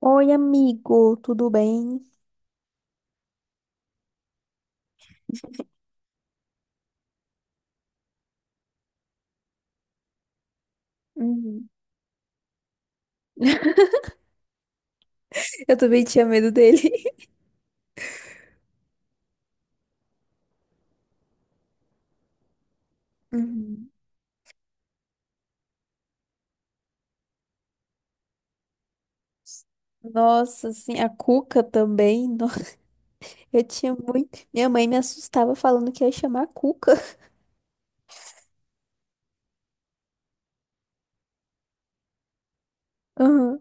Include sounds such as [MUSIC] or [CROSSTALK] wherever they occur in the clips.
Oi, amigo, tudo bem? Uhum. [LAUGHS] Eu também tinha medo dele. [LAUGHS] Uhum. Nossa, assim, a Cuca também. [LAUGHS] Eu tinha muito. Minha mãe me assustava falando que ia chamar a Cuca. Uhum.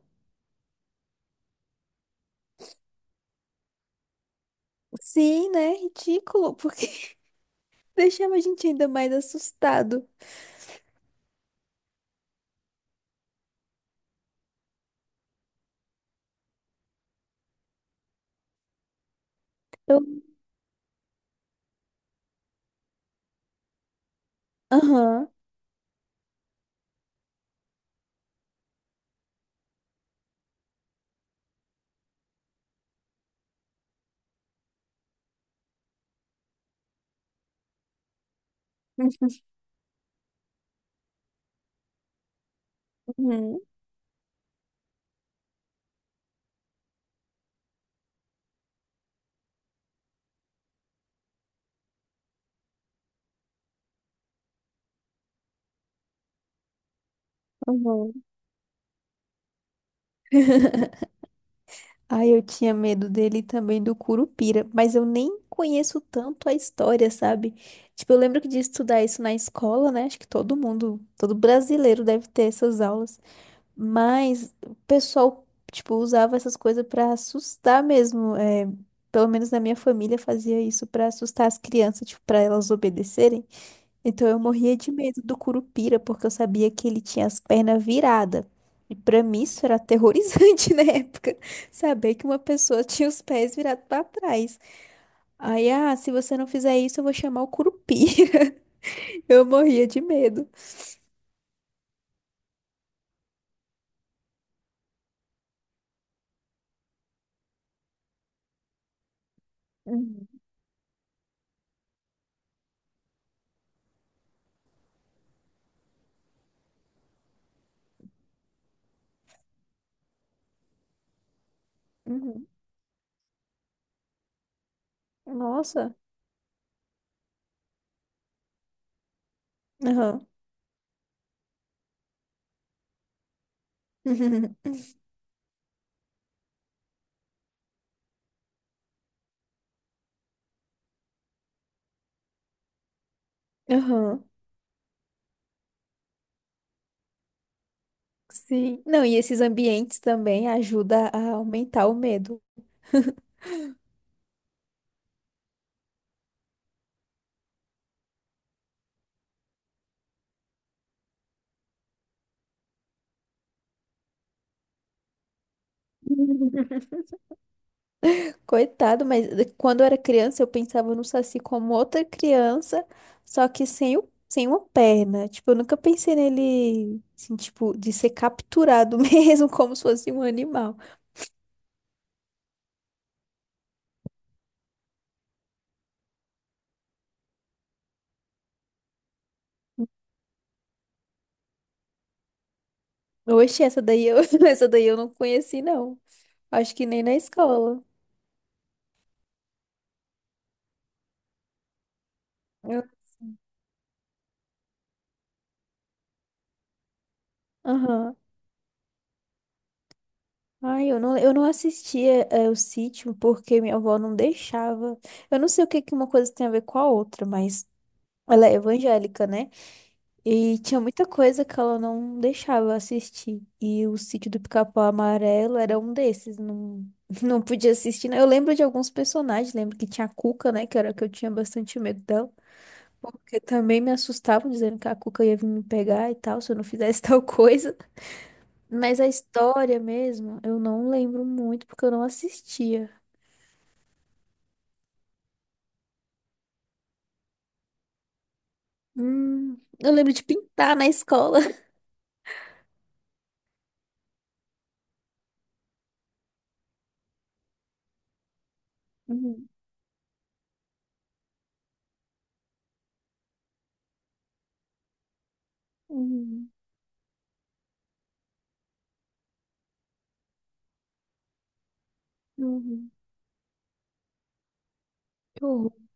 Sim, né? Ridículo, porque [LAUGHS] deixava a gente ainda mais assustado. Eu... Aham. [LAUGHS] Uhum. Uhum. Uhum. Ai, eu tinha medo dele e também do Curupira, mas eu nem conheço tanto a história, sabe? Tipo, eu lembro que de estudar isso na escola, né? Acho que todo mundo, todo brasileiro deve ter essas aulas. Mas o pessoal, tipo, usava essas coisas pra assustar mesmo. Pelo menos na minha família fazia isso pra assustar as crianças, tipo, para elas obedecerem. Então eu morria de medo do Curupira, porque eu sabia que ele tinha as pernas viradas. E pra mim isso era aterrorizante [LAUGHS] na época, saber que uma pessoa tinha os pés virados pra trás. Aí, ah, se você não fizer isso, eu vou chamar o Curupira. [LAUGHS] Eu morria de medo. Uhum, uhum. Nossa. Aham. [LAUGHS] Aham. Sim. Não, e esses ambientes também ajudam a aumentar o medo. [LAUGHS] Coitado, mas quando eu era criança eu pensava no Saci como outra criança, só que sem uma perna. Tipo, eu nunca pensei nele, assim, tipo, de ser capturado [LAUGHS] mesmo, como se fosse um animal. Oxe, [LAUGHS] essa daí eu não conheci, não. Acho que nem na escola. Eu- Aham. Ai, eu não assistia, o sítio porque minha avó não deixava. Eu não sei o que que uma coisa tem a ver com a outra, mas ela é evangélica, né? E tinha muita coisa que ela não deixava eu assistir. E o Sítio do Pica-Pau Amarelo era um desses. Não, [LAUGHS] não podia assistir. Né? Eu lembro de alguns personagens. Lembro que tinha a Cuca, né? Que era que eu tinha bastante medo dela. Porque também me assustavam dizendo que a Cuca ia vir me pegar e tal, se eu não fizesse [LAUGHS] tal coisa. Mas a história mesmo, eu não lembro muito porque eu não assistia. Eu lembro de pintar na escola. [LAUGHS] Uhum, uhum, uhum. Que horror. [LAUGHS]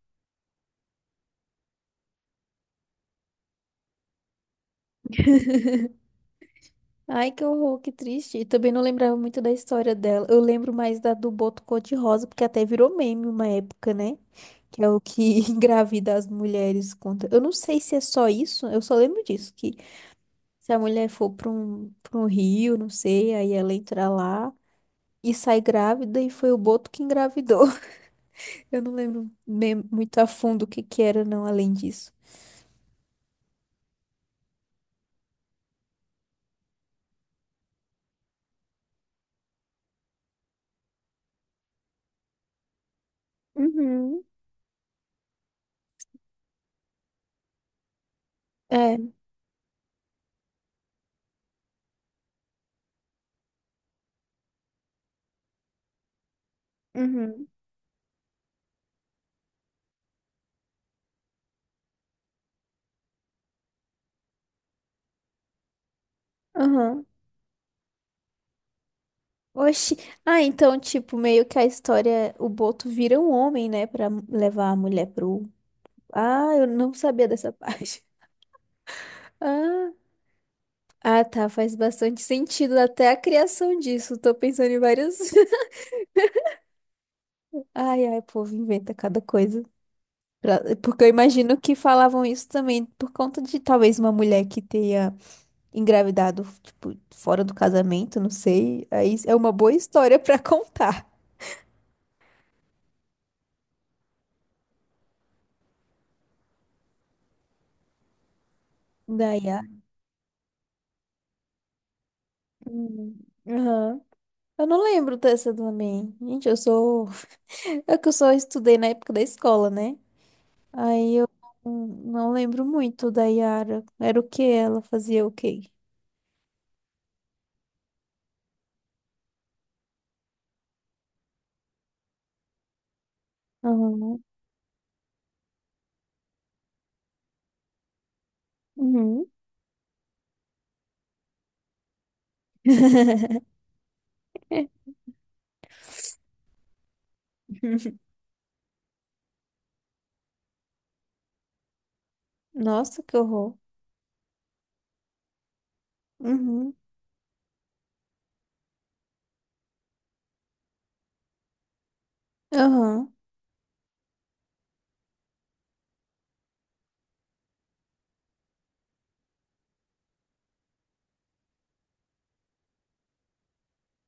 Ai, que horror, que triste. E também não lembrava muito da história dela. Eu lembro mais da do boto cor-de-rosa, porque até virou meme uma época, né? Que é o que [LAUGHS] engravida as mulheres contra. Eu não sei se é só isso, eu só lembro disso, que se a mulher for para um rio, não sei, aí ela entra lá e sai grávida e foi o boto que engravidou. [LAUGHS] Eu não lembro muito a fundo o que que era, não, além disso. Uhum, é. Uhum. Aham. Oxi. Ah, então, tipo, meio que a história, o Boto vira um homem, né, pra levar a mulher pro. Ah, eu não sabia dessa parte. [LAUGHS] Ah, ah, tá, faz bastante sentido até a criação disso. Tô pensando em vários. [LAUGHS] Ai, ai, o povo inventa cada coisa. Porque eu imagino que falavam isso também por conta de talvez uma mulher que tenha engravidado, tipo, fora do casamento, não sei. Aí é uma boa história pra contar. Daí, ah, hum, aham. Eu não lembro dessa também. Gente, eu sou. [LAUGHS] É que eu só estudei na época da escola, né? Aí eu não lembro muito da Yara. Era o que ela fazia o quê? Aham. Uhum. [LAUGHS] Nossa, que horror. Uhum. Aham.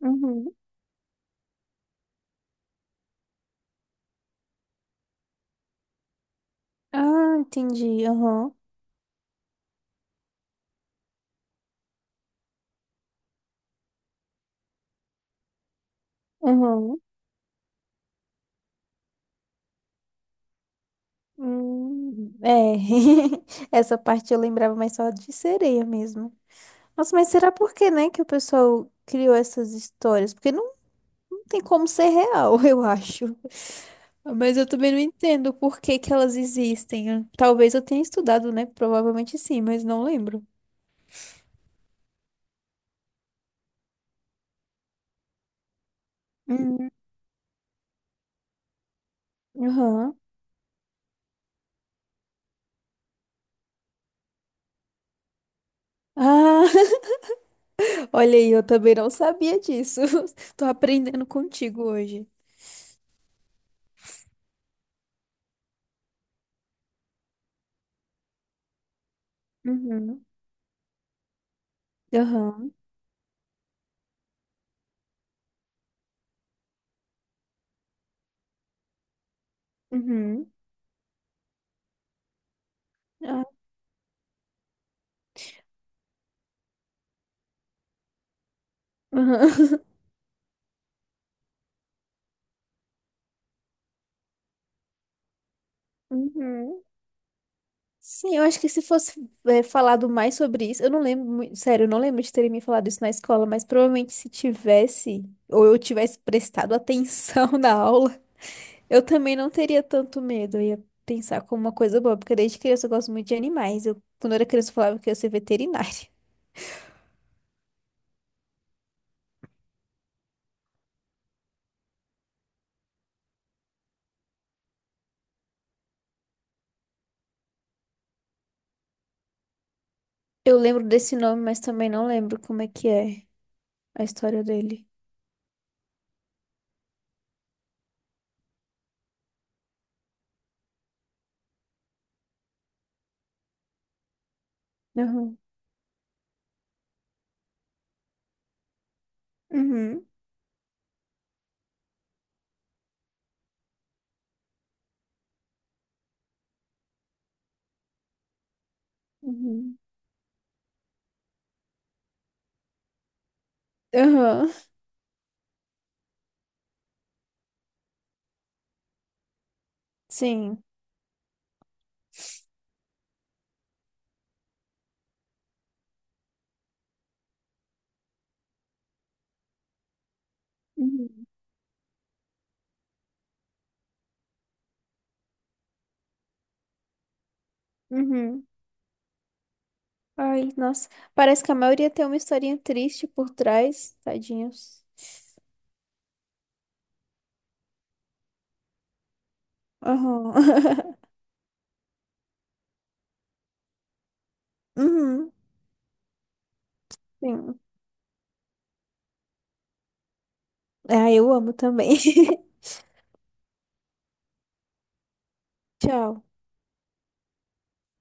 Uhum. Ah, entendi. Aham. Aham. É. [LAUGHS] Essa parte eu lembrava mais só de sereia mesmo. Nossa, mas será por que, né, que o pessoal criou essas histórias? Porque não tem como ser real, [LAUGHS] eu acho. Mas eu também não entendo por que que elas existem. Talvez eu tenha estudado, né? Provavelmente sim, mas não lembro. Hum, aham. Ah, [LAUGHS] olha aí, eu também não sabia disso. [LAUGHS] Tô aprendendo contigo hoje. Uhum. Aham. Uhum. Ah, aham. [LAUGHS] Uhum. Sim, eu acho que se fosse falado mais sobre isso, eu não lembro, sério, eu não lembro de terem me falado isso na escola, mas provavelmente se tivesse, ou eu tivesse prestado atenção [LAUGHS] na aula, eu também não teria tanto medo. Eu ia pensar como uma coisa boa, porque desde criança eu gosto muito de animais. Eu, quando eu era criança, eu falava que eu ia ser veterinária. [LAUGHS] Eu lembro desse nome, mas também não lembro como é que é a história dele. Aham. Uhum. Uhum. Aham. Sim. Uhum. Uhum. Ai, nossa. Parece que a maioria tem uma historinha triste por trás. Tadinhos. Aham. [LAUGHS] Uhum. Sim. Ah, eu amo também. [LAUGHS] Tchau.